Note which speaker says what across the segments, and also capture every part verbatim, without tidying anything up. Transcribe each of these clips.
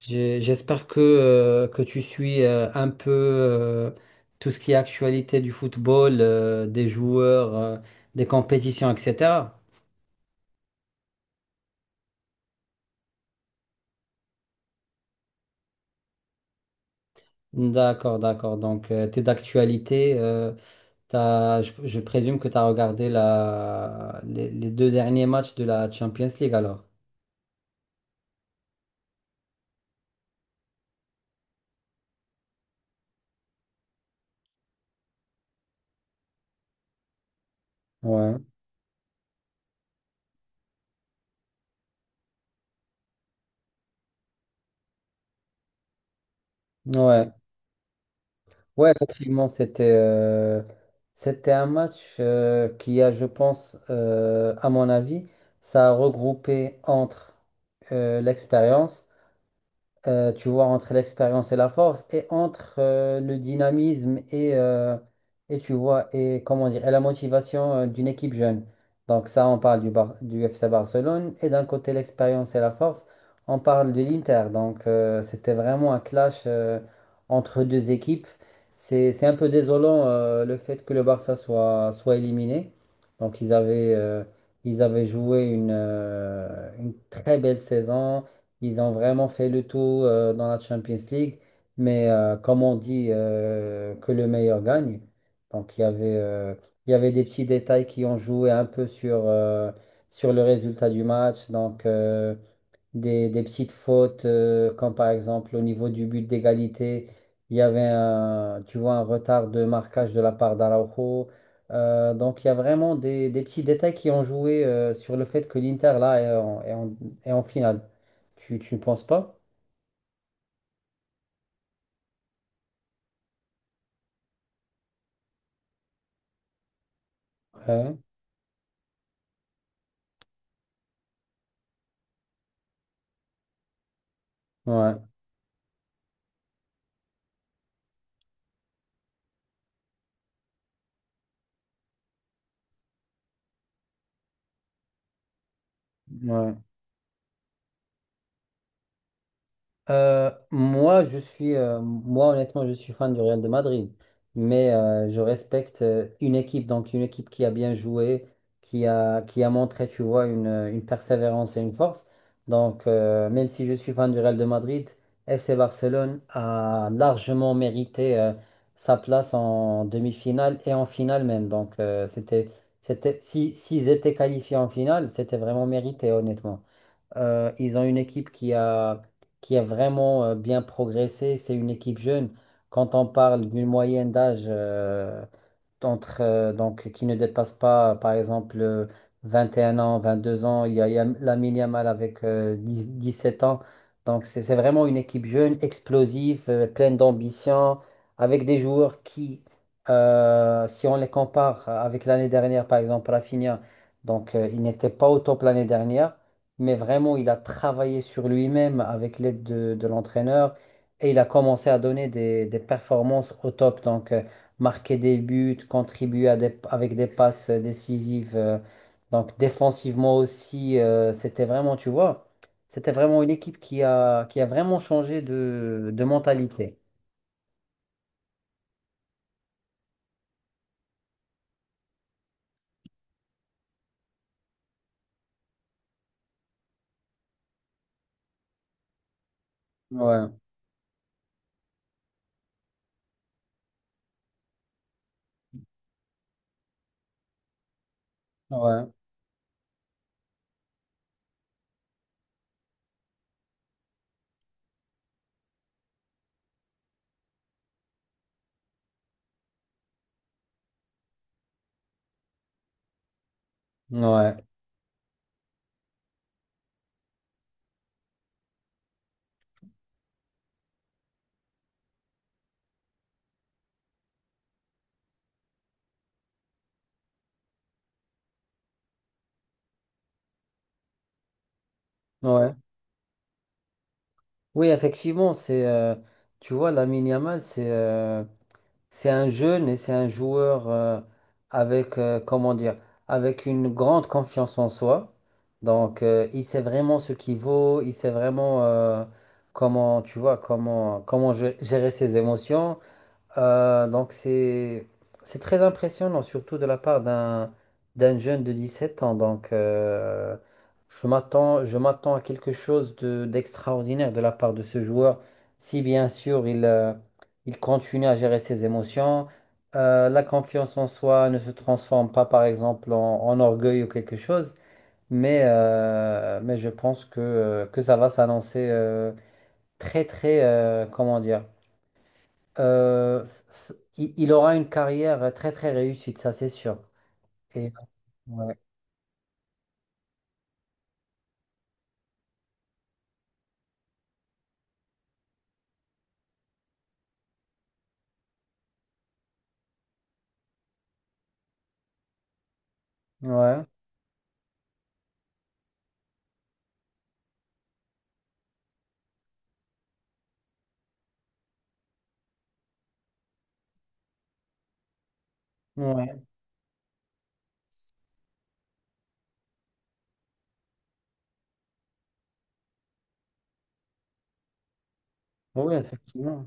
Speaker 1: J'ai- J'espère que, euh, que tu suis euh, un peu euh, tout ce qui est actualité du football, euh, des joueurs, euh, des compétitions, et cetera. D'accord, d'accord. Donc, tu es d'actualité. euh, t'as- je, je présume que tu as regardé la, les, les deux derniers matchs de la Champions League alors. Ouais. Ouais. Ouais, effectivement, c'était euh, c'était un match euh, qui a, je pense, euh, à mon avis, ça a regroupé entre euh, l'expérience, euh, tu vois, entre l'expérience et la force, et entre euh, le dynamisme et, euh, et tu vois, et comment dire, et la motivation euh, d'une équipe jeune. Donc ça, on parle du, Bar- du F C Barcelone, et d'un côté l'expérience et la force, on parle de l'Inter. Donc euh, c'était vraiment un clash euh, entre deux équipes. C'est, c'est un peu désolant euh, le fait que le Barça soit, soit éliminé. Donc ils avaient, euh, ils avaient joué une, euh, une très belle saison. Ils ont vraiment fait le tout euh, dans la Champions League. Mais euh, comme on dit euh, que le meilleur gagne, donc il y avait, euh, il y avait des petits détails qui ont joué un peu sur, euh, sur le résultat du match. Donc, euh, des, des petites fautes, euh, comme par exemple au niveau du but d'égalité, il y avait un, tu vois, un retard de marquage de la part d'Araujo. Euh, donc il y a vraiment des, des petits détails qui ont joué euh, sur le fait que l'Inter là est en, est en- est en finale. Tu, tu ne penses pas? Ouais, ouais, ouais. Euh, moi, je suis, euh, moi, honnêtement, je suis fan du Real de Madrid, mais euh, je respecte euh, une équipe, donc une équipe qui a bien joué, qui a, qui a montré, tu vois, une, une persévérance et une force. Donc, euh, même si je suis fan du Real de Madrid, F C Barcelone a largement mérité euh, sa place en demi-finale et en finale même. Donc, euh, c'était, c'était, si, s'ils étaient qualifiés en finale, c'était vraiment mérité, honnêtement. Euh, ils ont une équipe qui a, qui a vraiment euh, bien progressé. C'est une équipe jeune. Quand on parle d'une moyenne d'âge euh, entre, euh, donc, qui ne dépasse pas, par exemple, euh, vingt et un ans, vingt-deux ans. Il y a Yam- Lamine Yamal avec euh, dix dix-sept ans. Donc, c'est c'est vraiment une équipe jeune, explosive, euh, pleine d'ambition, avec des joueurs qui, euh, si on les compare avec l'année dernière, par exemple, Rafinha, donc, euh, il n'était pas au top l'année dernière, mais vraiment, il a travaillé sur lui-même avec l'aide de, de l'entraîneur et il a commencé à donner des, des performances au top. Donc, euh, marquer des buts, contribuer à des- avec des passes euh, décisives. Euh, donc défensivement aussi, euh, c'était vraiment, tu vois, c'était vraiment une équipe qui a, qui a vraiment changé de, de mentalité. Ouais, ouais, ouais, ouais. Oui, effectivement, c'est, euh, tu vois, Lamine Yamal, c'est, euh, c'est un jeune et c'est un joueur euh, avec, euh, comment dire, avec une grande confiance en soi. Donc, euh, il sait vraiment ce qu'il vaut, il sait vraiment euh, comment, tu vois, comment, comment gé- gérer ses émotions. Euh, donc c'est c'est très impressionnant, surtout de la part d'un d'un jeune de dix-sept ans. Donc euh, je m'attends je m'attends à quelque chose de d'extraordinaire de la part de ce joueur, si bien sûr il euh, il continue à gérer ses émotions. Euh, la confiance en soi ne se transforme pas par exemple en, en orgueil ou quelque chose, mais euh, mais je pense que euh, que ça va s'annoncer euh, très très, euh, comment dire euh, c- il il aura une carrière euh, très très réussie, ça c'est sûr. Ouais, ouais, ouais. Bon, oui, effectivement.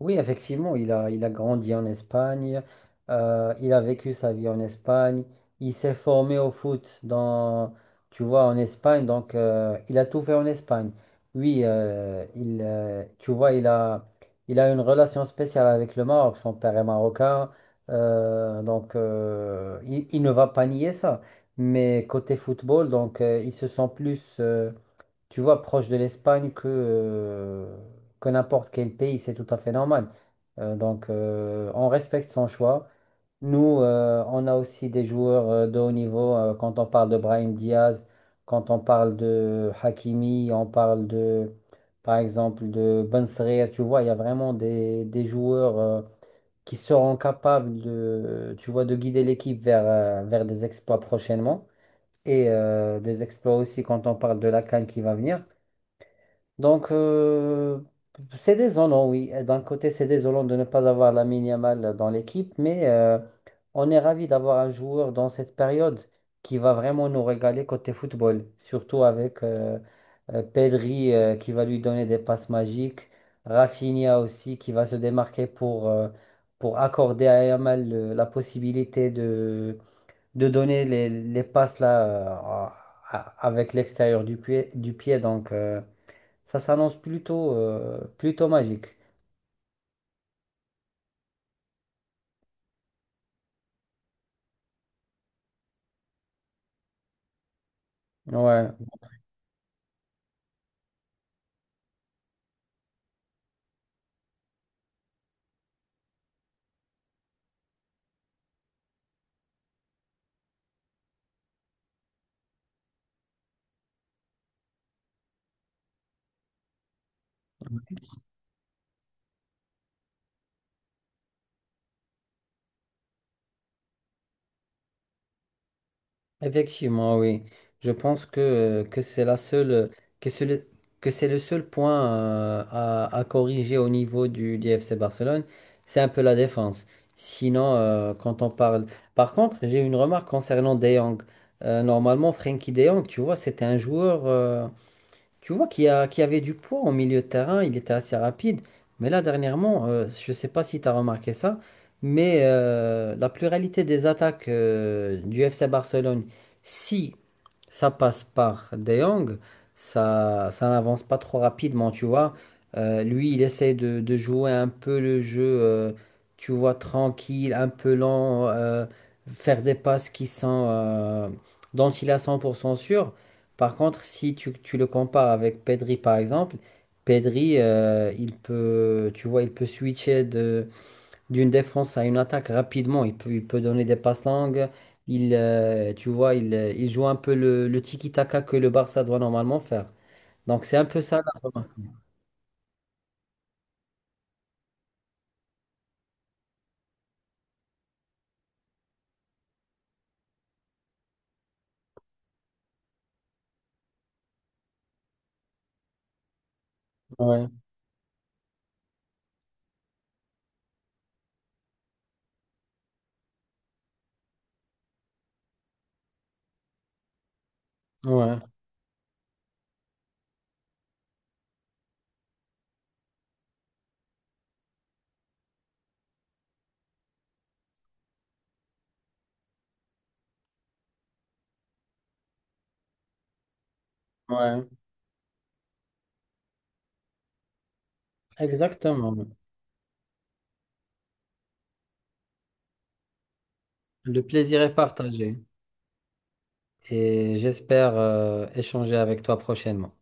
Speaker 1: Oui, effectivement, il a, il a grandi en Espagne, euh, il a vécu sa vie en Espagne, il s'est formé au foot dans, tu vois, en Espagne, donc euh, il a tout fait en Espagne. Oui, euh, il, euh, tu vois, il a, il a une relation spéciale avec le Maroc, son père est marocain, euh, donc euh, il, il ne va pas nier ça. Mais côté football, donc euh, il se sent plus, euh, tu vois, proche de l'Espagne que, euh, que n'importe quel pays, c'est tout à fait normal. Euh, donc, euh, on respecte son choix. Nous, euh, on a aussi des joueurs euh, de haut niveau. Euh, quand on parle de Brahim Diaz, quand on parle de Hakimi, on parle de, par exemple, de Ben Seghir, tu vois, il y a vraiment des, des joueurs euh, qui seront capables de, tu vois, de guider l'équipe vers, euh, vers des exploits prochainement et euh, des exploits aussi quand on parle de la C A N qui va venir. Donc, euh, c'est désolant, oui. D'un côté, c'est désolant de ne pas avoir la Yamal dans l'équipe, mais euh, on est ravi d'avoir un joueur dans cette période qui va vraiment nous régaler côté football, surtout avec euh, euh, Pedri euh, qui va lui donner des passes magiques, Rafinha aussi qui va se démarquer pour, euh, pour accorder à Yamal le- la possibilité de, de donner les, les passes là, euh, à- à- avec l'extérieur du pied, du pied. Donc, euh, ça s'annonce plutôt, euh, plutôt magique. Ouais, effectivement, oui. Je pense que, que c'est la seule, que c'est le, que c'est le seul point euh, à, à corriger au niveau du, du F C Barcelone, c'est un peu la défense. Sinon, euh, quand on parle. Par contre, j'ai une remarque concernant De Jong. Euh, normalement, Frenkie De Jong, tu vois, c'était un joueur. euh, Tu vois qu'il y a, qu'il y avait du poids au milieu de terrain, il était assez rapide. Mais là, dernièrement, euh, je ne sais pas si tu as remarqué ça, mais euh, la pluralité des attaques euh, du F C Barcelone, si ça passe par De Jong, ça, ça n'avance pas trop rapidement, tu vois. Euh, lui, il essaie de, de jouer un peu le jeu, euh, tu vois, tranquille, un peu lent, euh, faire des passes qui sont, euh, dont il a cent pour cent sûr. Par contre, si tu, tu le compares avec Pedri, par exemple, Pedri, euh, il peut, tu vois, il peut switcher de, d'une défense à une attaque rapidement. Il peut, il peut donner des passes longues. Il, euh, tu vois, il, euh, Il joue un peu le, le tiki-taka que le Barça doit normalement faire. Donc, c'est un peu ça la remarque. Ouais, ouais, ouais. Exactement. Le plaisir est partagé. Et j'espère, euh, échanger avec toi prochainement.